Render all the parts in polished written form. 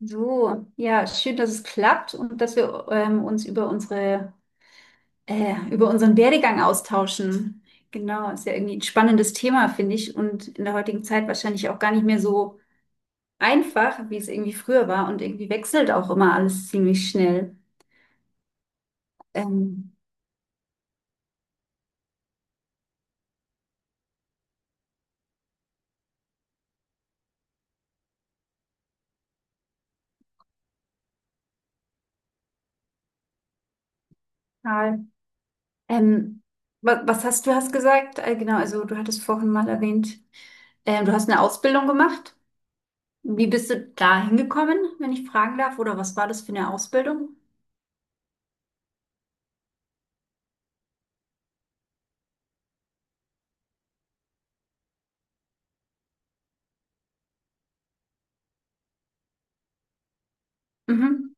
So, ja, schön, dass es klappt und dass wir uns über unseren Werdegang austauschen. Genau, ist ja irgendwie ein spannendes Thema, finde ich, und in der heutigen Zeit wahrscheinlich auch gar nicht mehr so einfach, wie es irgendwie früher war. Und irgendwie wechselt auch immer alles ziemlich schnell. Ähm, Karl, ähm, was hast du hast gesagt? Genau, also du hattest vorhin mal erwähnt, du hast eine Ausbildung gemacht. Wie bist du da hingekommen, wenn ich fragen darf? Oder was war das für eine Ausbildung? Mhm.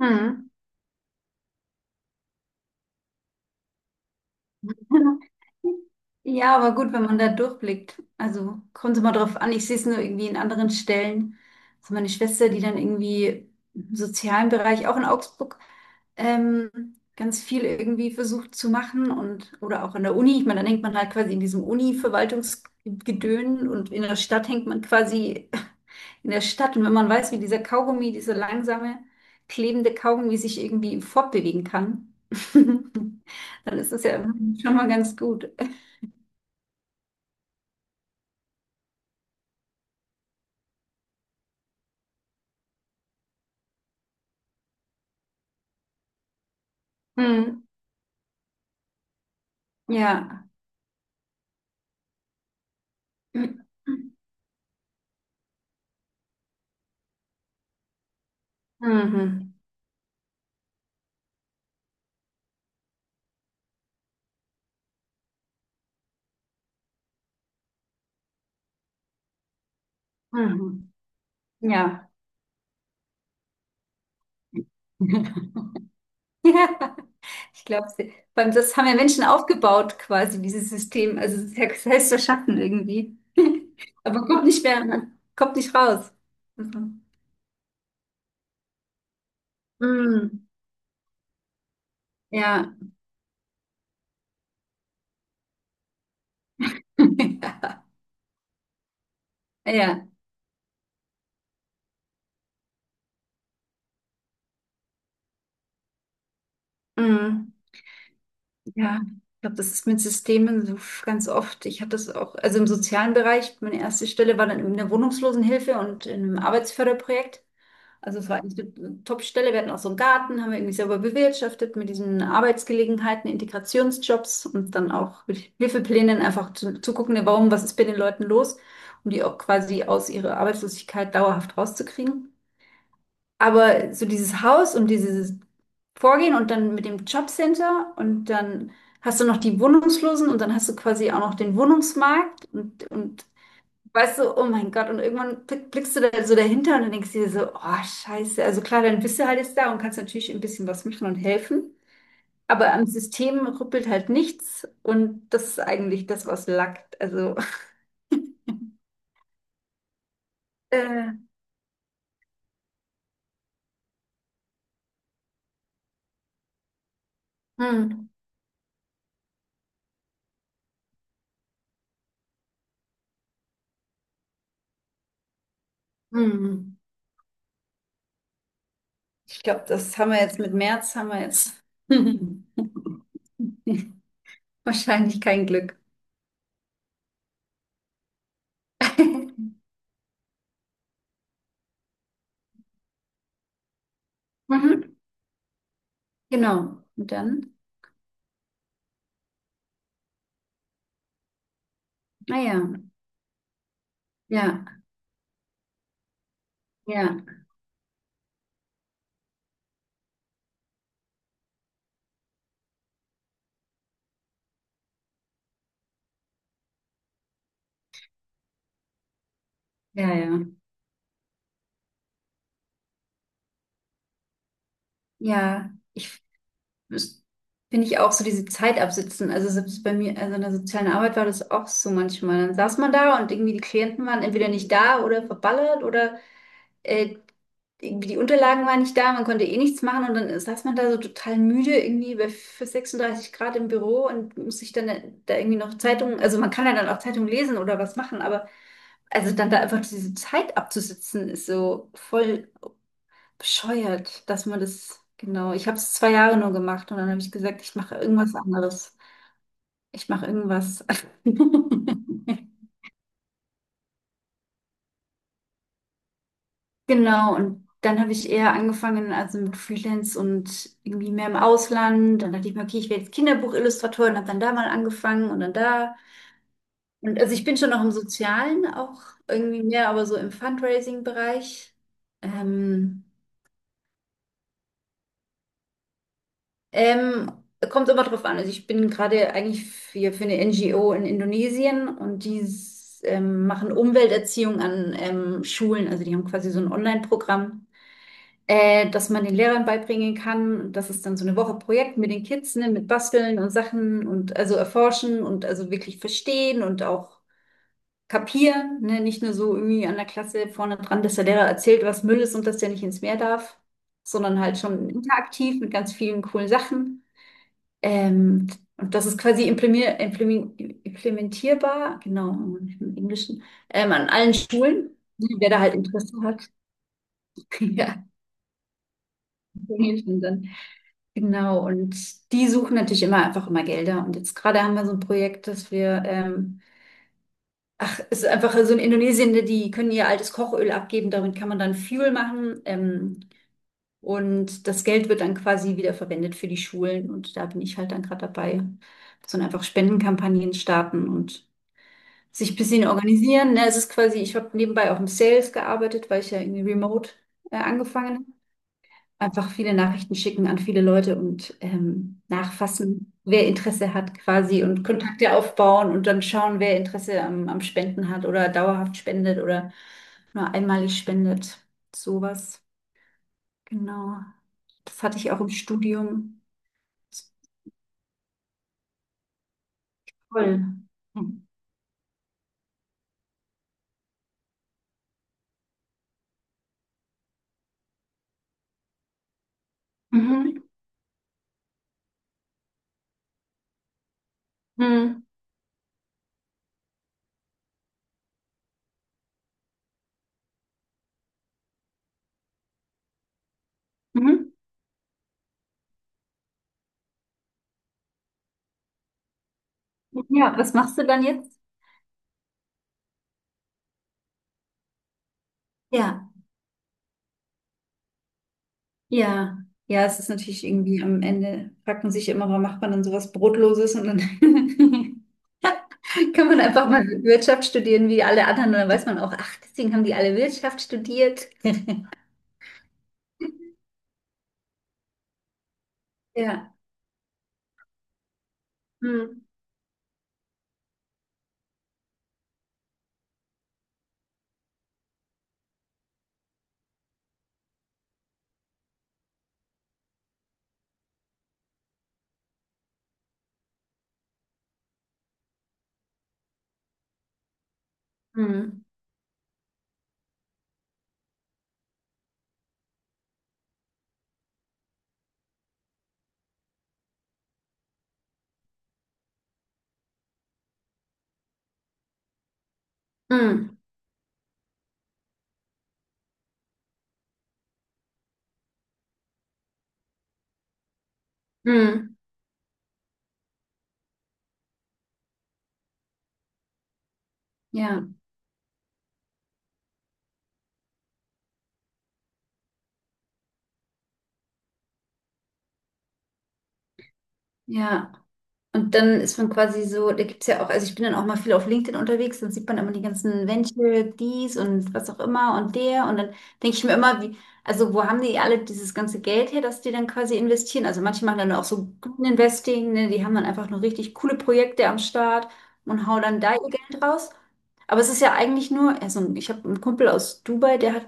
Mhm. Ja, aber gut, wenn man da durchblickt. Also kommt es immer drauf an. Ich sehe es nur irgendwie in anderen Stellen. Also meine Schwester, die dann irgendwie im sozialen Bereich, auch in Augsburg, ähm, ganz viel irgendwie versucht zu machen und oder auch an der Uni. Ich meine, dann hängt man halt quasi in diesem Uni-Verwaltungsgedön und in der Stadt hängt man quasi in der Stadt. Und wenn man weiß, wie dieser Kaugummi, dieser langsame, klebende Kaugummi sich irgendwie fortbewegen kann, dann ist das ja schon mal ganz gut. Hm, ja. Mhm. Mhm. Ja. Ja, ich glaube, das haben ja Menschen aufgebaut, quasi, dieses System. Also, es ist ja selbst erschaffen irgendwie. Aber kommt nicht mehr, kommt nicht raus. Also, mm, ja, ja, mm. Ja, ich glaube, das ist mit Systemen so ganz oft. Ich hatte das auch, also im sozialen Bereich, meine erste Stelle war dann in der Wohnungslosenhilfe und in einem Arbeitsförderprojekt. Also es war eigentlich eine Top-Stelle. Wir hatten auch so einen Garten, haben wir irgendwie selber bewirtschaftet mit diesen Arbeitsgelegenheiten, Integrationsjobs und dann auch mit Hilfeplänen einfach zu gucken, ne, warum, was ist bei den Leuten los, um die auch quasi aus ihrer Arbeitslosigkeit dauerhaft rauszukriegen. Aber so dieses Haus und dieses Vorgehen und dann mit dem Jobcenter und dann hast du noch die Wohnungslosen und dann hast du quasi auch noch den Wohnungsmarkt und weißt du, oh mein Gott, und irgendwann blickst du da so dahinter und dann denkst du dir so, oh Scheiße, also klar, dann bist du halt jetzt da und kannst natürlich ein bisschen was machen und helfen, aber am System rüppelt halt nichts und das ist eigentlich das, was lackt. Also, äh, hm, hm. Hm. Ich glaube, das haben wir jetzt mit März, haben wir jetzt wahrscheinlich kein Glück. Mhm. Genau. Und dann? Naja, ja, ja, ja, ja. Ja, ja, ich das finde ich auch so diese Zeit absitzen. Also selbst bei mir, also in der sozialen Arbeit war das auch so manchmal. Dann saß man da und irgendwie die Klienten waren entweder nicht da oder verballert oder äh, irgendwie die Unterlagen waren nicht da, man konnte eh nichts machen und dann saß man da so total müde irgendwie bei für 36 Grad im Büro und muss sich dann da irgendwie noch Zeitungen, also man kann ja dann auch Zeitungen lesen oder was machen, aber also dann da einfach diese Zeit abzusitzen ist so voll bescheuert, dass man das, genau, ich habe es 2 Jahre nur gemacht und dann habe ich gesagt, ich mache irgendwas anderes. Ich mache irgendwas. Genau, und dann habe ich eher angefangen, also mit Freelance und irgendwie mehr im Ausland. Dann dachte ich mir, okay, ich werde jetzt Kinderbuchillustratorin, habe dann da mal angefangen und dann da. Und also ich bin schon noch im Sozialen auch irgendwie mehr, aber so im Fundraising-Bereich. Ähm, ähm, Kommt immer drauf an. Also ich bin gerade eigentlich für eine NGO in Indonesien und die machen Umwelterziehung an Schulen. Also die haben quasi so ein Online-Programm. Dass man den Lehrern beibringen kann, dass es dann so eine Woche Projekt mit den Kids, ne, mit Basteln und Sachen und also erforschen und also wirklich verstehen und auch kapieren, ne, nicht nur so irgendwie an der Klasse vorne dran, dass der Lehrer erzählt, was Müll ist und dass der nicht ins Meer darf, sondern halt schon interaktiv mit ganz vielen coolen Sachen. Ähm, und das ist quasi implementierbar, genau, im Englischen, an allen Schulen, ne, wer da halt Interesse hat. Ja, im Englischen dann. Genau, und die suchen natürlich immer einfach immer Gelder. Und jetzt gerade haben wir so ein Projekt, dass wir, es ist einfach so in Indonesien, die können ihr altes Kochöl abgeben, damit kann man dann Fuel machen. Und das Geld wird dann quasi wieder verwendet für die Schulen. Und da bin ich halt dann gerade dabei, dass man einfach Spendenkampagnen starten und sich ein bisschen organisieren. Ne, es ist quasi, ich habe nebenbei auch im Sales gearbeitet, weil ich ja irgendwie remote angefangen einfach viele Nachrichten schicken an viele Leute und nachfassen, wer Interesse hat quasi und Kontakte aufbauen und dann schauen, wer Interesse am Spenden hat oder dauerhaft spendet oder nur einmalig spendet. Sowas. Genau. Das hatte ich auch im Studium. Toll. Mhm. Mhm. Mhm. Ja, was machst du dann jetzt? Ja, ja. Ja, es ist natürlich irgendwie am Ende, fragt man sich immer, warum macht man dann sowas Brotloses und dann kann man einfach mal Wirtschaft studieren wie alle anderen und dann weiß man auch, ach, deswegen haben die alle Wirtschaft studiert. Ja. Hm. Hm. Hm. Hm. Hm. Ja, ja. Und dann ist man quasi so, da gibt es ja auch, also ich bin dann auch mal viel auf LinkedIn unterwegs, dann sieht man immer die ganzen Venture, dies und was auch immer und der. Und dann denke ich mir immer, wie, also wo haben die alle dieses ganze Geld her, das die dann quasi investieren? Also manche machen dann auch so Green Investing, ne? Die haben dann einfach nur richtig coole Projekte am Start und hauen dann da ihr Geld raus. Aber es ist ja eigentlich nur, also ich habe einen Kumpel aus Dubai, der hat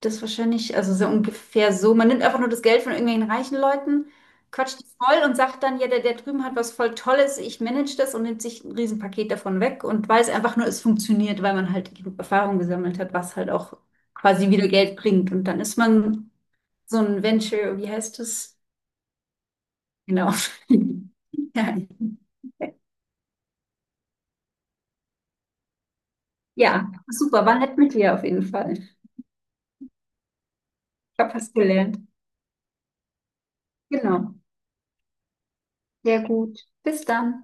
das wahrscheinlich, also so ungefähr so, man nimmt einfach nur das Geld von irgendwelchen reichen Leuten quatscht die voll und sagt dann, ja, der drüben hat was voll Tolles, ich manage das und nimmt sich ein Riesenpaket davon weg und weiß einfach nur, es funktioniert, weil man halt genug Erfahrung gesammelt hat, was halt auch quasi wieder Geld bringt. Und dann ist man so ein Venture, wie heißt es? Genau. Ja, ja, super, war nett mit dir auf jeden Fall. Ich habe was gelernt. Genau. Sehr gut. Bis dann.